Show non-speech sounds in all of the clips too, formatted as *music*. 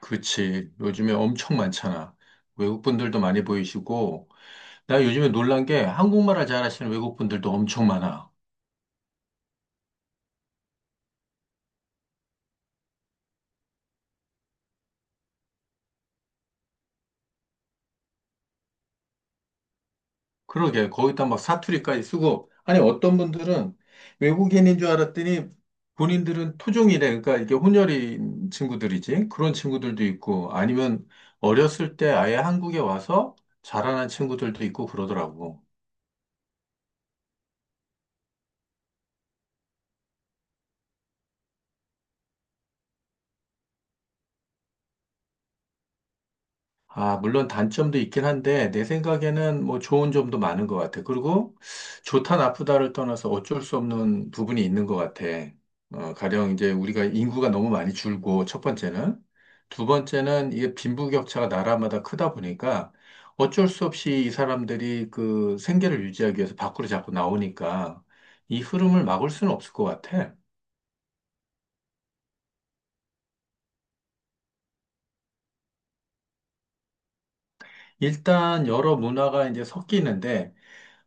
그치. 요즘에 엄청 많잖아. 외국 분들도 많이 보이시고, 나 요즘에 놀란 게 한국말을 잘하시는 외국 분들도 엄청 많아. 그러게, 거기다 막 사투리까지 쓰고, 아니, 어떤 분들은 외국인인 줄 알았더니 본인들은 토종이래. 그러니까 이게 혼혈인 친구들이지. 그런 친구들도 있고, 아니면 어렸을 때 아예 한국에 와서 자라난 친구들도 있고 그러더라고. 아, 물론 단점도 있긴 한데, 내 생각에는 뭐 좋은 점도 많은 것 같아. 그리고 좋다, 나쁘다를 떠나서 어쩔 수 없는 부분이 있는 것 같아. 가령 이제 우리가 인구가 너무 많이 줄고, 첫 번째는. 두 번째는 이게 빈부격차가 나라마다 크다 보니까 어쩔 수 없이 이 사람들이 그 생계를 유지하기 위해서 밖으로 자꾸 나오니까 이 흐름을 막을 수는 없을 것 같아. 일단 여러 문화가 이제 섞이는데,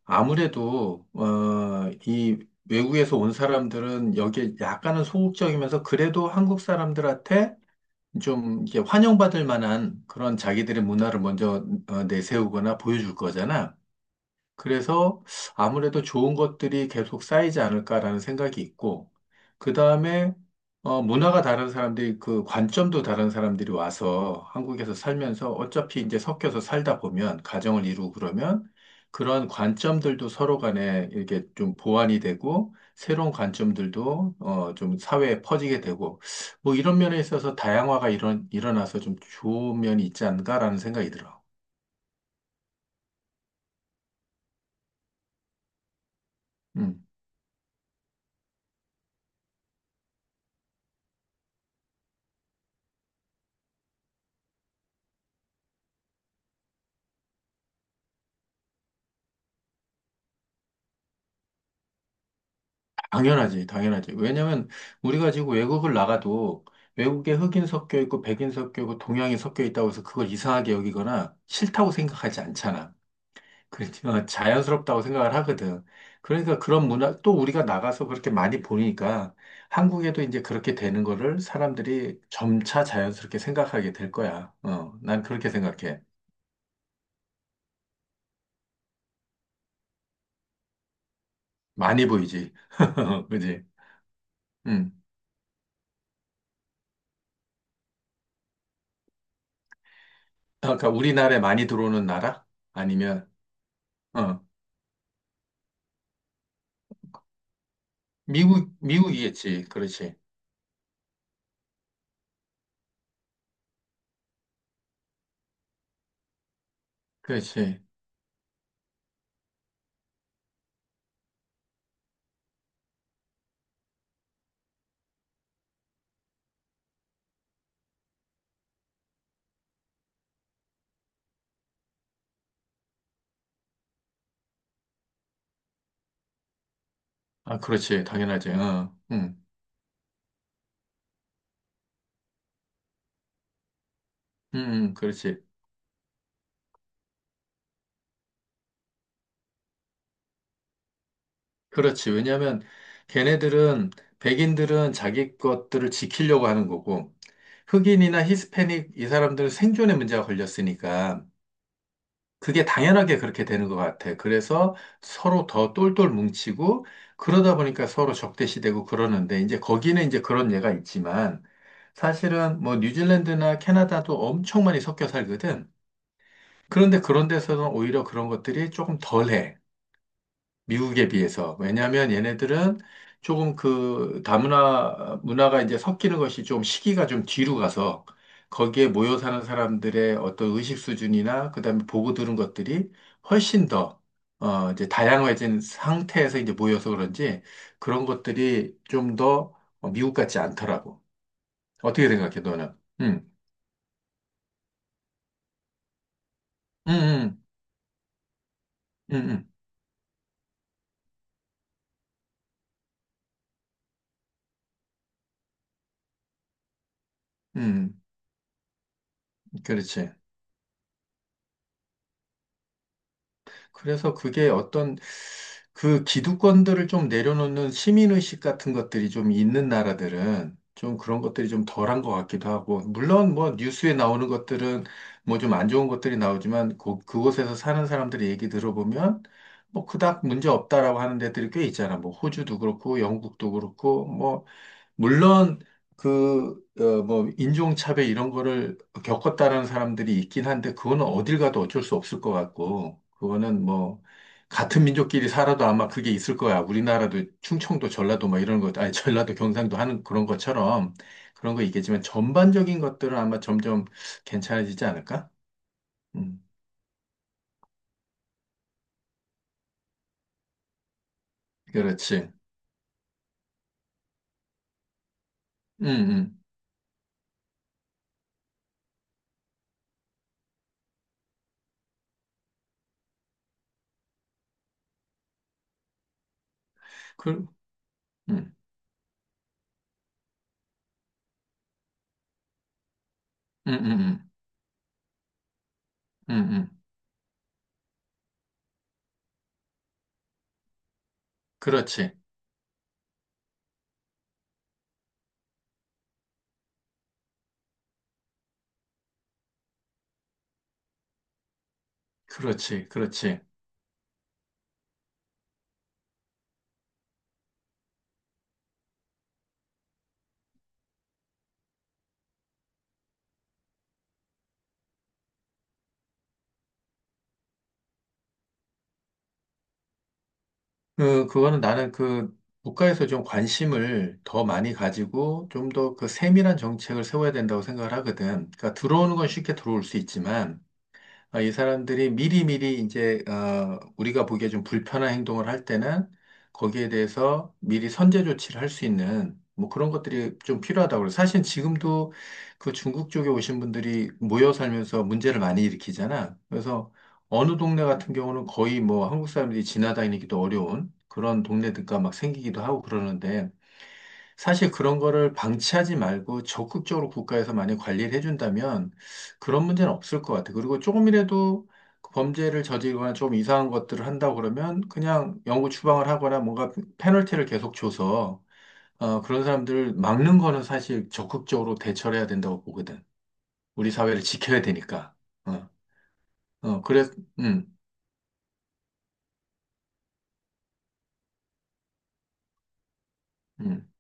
아무래도 이 외국에서 온 사람들은 여기에 약간은 소극적이면서 그래도 한국 사람들한테 좀 이렇게 환영받을 만한 그런 자기들의 문화를 먼저 내세우거나 보여줄 거잖아. 그래서 아무래도 좋은 것들이 계속 쌓이지 않을까라는 생각이 있고, 그 다음에, 문화가 다른 사람들이, 그 관점도 다른 사람들이 와서 한국에서 살면서 어차피 이제 섞여서 살다 보면, 가정을 이루고 그러면, 그런 관점들도 서로 간에 이렇게 좀 보완이 되고, 새로운 관점들도, 좀 사회에 퍼지게 되고, 뭐 이런 면에 있어서 다양화가 일어나서 좀 좋은 면이 있지 않을까라는 생각이 들어. 음. 당연하지, 당연하지. 왜냐면 우리가 지금 외국을 나가도 외국에 흑인 섞여 있고 백인 섞여 있고 동양이 섞여 있다고 해서 그걸 이상하게 여기거나 싫다고 생각하지 않잖아. 그렇지만 자연스럽다고 생각을 하거든. 그러니까 그런 문화, 또 우리가 나가서 그렇게 많이 보니까 한국에도 이제 그렇게 되는 거를 사람들이 점차 자연스럽게 생각하게 될 거야. 어, 난 그렇게 생각해. 많이 보이지. *laughs* 그지? 음. 아까 우리나라에 많이 들어오는 나라? 아니면, 어. 미국, 미국이겠지. 그렇지. 그렇지. 아, 그렇지. 당연하지. 어. 응. 응, 응, 그렇지. 그렇지. 왜냐하면 걔네들은, 백인들은 자기 것들을 지키려고 하는 거고, 흑인이나 히스패닉 이 사람들은 생존의 문제가 걸렸으니까, 그게 당연하게 그렇게 되는 것 같아. 그래서 서로 더 똘똘 뭉치고, 그러다 보니까 서로 적대시되고 그러는데, 이제 거기는 이제 그런 예가 있지만, 사실은 뭐 뉴질랜드나 캐나다도 엄청 많이 섞여 살거든. 그런데 그런 데서는 오히려 그런 것들이 조금 덜해. 미국에 비해서. 왜냐하면 얘네들은 조금 그 다문화 문화가 이제 섞이는 것이 좀 시기가 좀 뒤로 가서 거기에 모여 사는 사람들의 어떤 의식 수준이나 그다음에 보고 들은 것들이 훨씬 더 이제 다양해진 상태에서 이제 모여서 그런지 그런 것들이 좀더 미국 같지 않더라고. 어떻게 생각해, 너는? 응, 응, 응, 응, 응, 응, 그렇지. 그래서 그게 어떤 그 기득권들을 좀 내려놓는 시민의식 같은 것들이 좀 있는 나라들은 좀 그런 것들이 좀 덜한 것 같기도 하고, 물론 뭐 뉴스에 나오는 것들은 뭐 좀 안 좋은 것들이 나오지만 그, 그곳에서 사는 사람들의 얘기 들어보면 뭐 그닥 문제 없다라고 하는 데들이 꽤 있잖아. 뭐 호주도 그렇고 영국도 그렇고 뭐 물론 뭐, 인종차별 이런 거를 겪었다는 사람들이 있긴 한데, 그거는 어딜 가도 어쩔 수 없을 것 같고, 그거는 뭐, 같은 민족끼리 살아도 아마 그게 있을 거야. 우리나라도 충청도, 전라도 뭐 이런 것, 아니, 전라도, 경상도 하는 그런 것처럼 그런 거 있겠지만, 전반적인 것들은 아마 점점 괜찮아지지 않을까? 음, 그렇지. 음, 음. 그, 음, 음, 음, 음, 음, 음. 그렇지. 그렇지. 그렇지. 그거는 나는 그 국가에서 좀 관심을 더 많이 가지고 좀 더 그 세밀한 정책을 세워야 된다고 생각을 하거든. 그러니까 들어오는 건 쉽게 들어올 수 있지만 이 사람들이 미리미리 이제 우리가 보기에 좀 불편한 행동을 할 때는 거기에 대해서 미리 선제 조치를 할 수 있는 뭐 그런 것들이 좀 필요하다고 그래요. 사실 지금도 그 중국 쪽에 오신 분들이 모여 살면서 문제를 많이 일으키잖아. 그래서 어느 동네 같은 경우는 거의 뭐 한국 사람들이 지나다니기도 어려운 그런 동네들과 막 생기기도 하고 그러는데 사실 그런 거를 방치하지 말고 적극적으로 국가에서 많이 관리를 해준다면 그런 문제는 없을 것 같아요. 그리고 조금이라도 그 범죄를 저지르거나 좀 이상한 것들을 한다고 그러면 그냥 영구 추방을 하거나 뭔가 페널티를 계속 줘서 그런 사람들을 막는 거는 사실 적극적으로 대처를 해야 된다고 보거든. 우리 사회를 지켜야 되니까. 어, 그래서, 음, 음.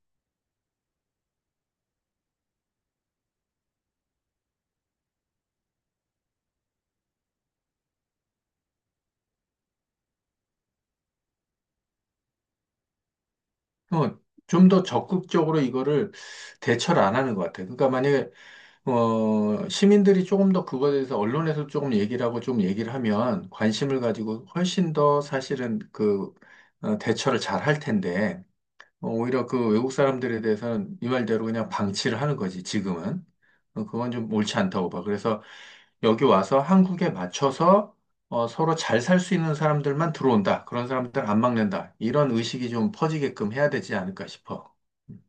어, 좀 더 적극적으로 이거를 대처를 안 하는 것 같아요. 그러니까 만약에 시민들이 조금 더 그거에 대해서 언론에서 조금 얘기를 하고 좀 얘기를 하면 관심을 가지고 훨씬 더 사실은 그 대처를 잘 할 텐데 오히려 그 외국 사람들에 대해서는 이 말대로 그냥 방치를 하는 거지 지금은 그건 좀 옳지 않다고 봐. 그래서 여기 와서 한국에 맞춰서 서로 잘 살 수 있는 사람들만 들어온다. 그런 사람들 안 막는다. 이런 의식이 좀 퍼지게끔 해야 되지 않을까 싶어. 음.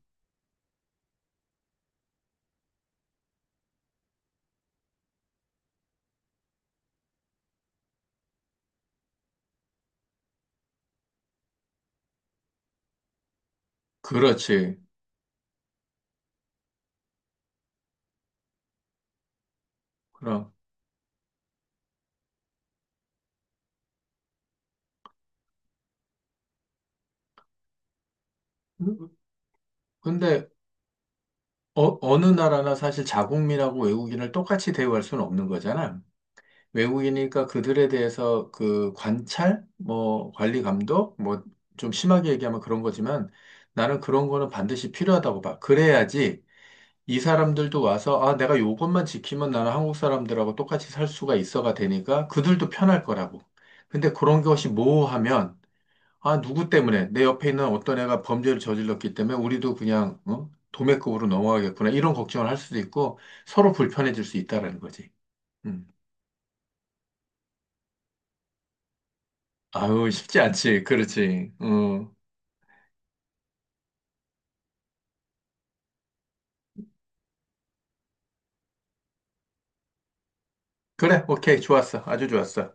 그렇지. 그럼. 근데 어느 나라나 사실 자국민하고 외국인을 똑같이 대우할 수는 없는 거잖아. 외국인이니까 그들에 대해서 그 관찰, 뭐 관리 감독, 뭐 좀 심하게 얘기하면 그런 거지만 나는 그런 거는 반드시 필요하다고 봐. 그래야지 이 사람들도 와서 아, 내가 요것만 지키면 나는 한국 사람들하고 똑같이 살 수가 있어가 되니까 그들도 편할 거라고. 근데 그런 것이 모호하면 아, 누구 때문에? 내 옆에 있는 어떤 애가 범죄를 저질렀기 때문에 우리도 그냥, 어? 도매급으로 넘어가겠구나. 이런 걱정을 할 수도 있고, 서로 불편해질 수 있다라는 거지. 음. 아유, 쉽지 않지. 그렇지. 음. 그래, 오케이. 좋았어. 아주 좋았어.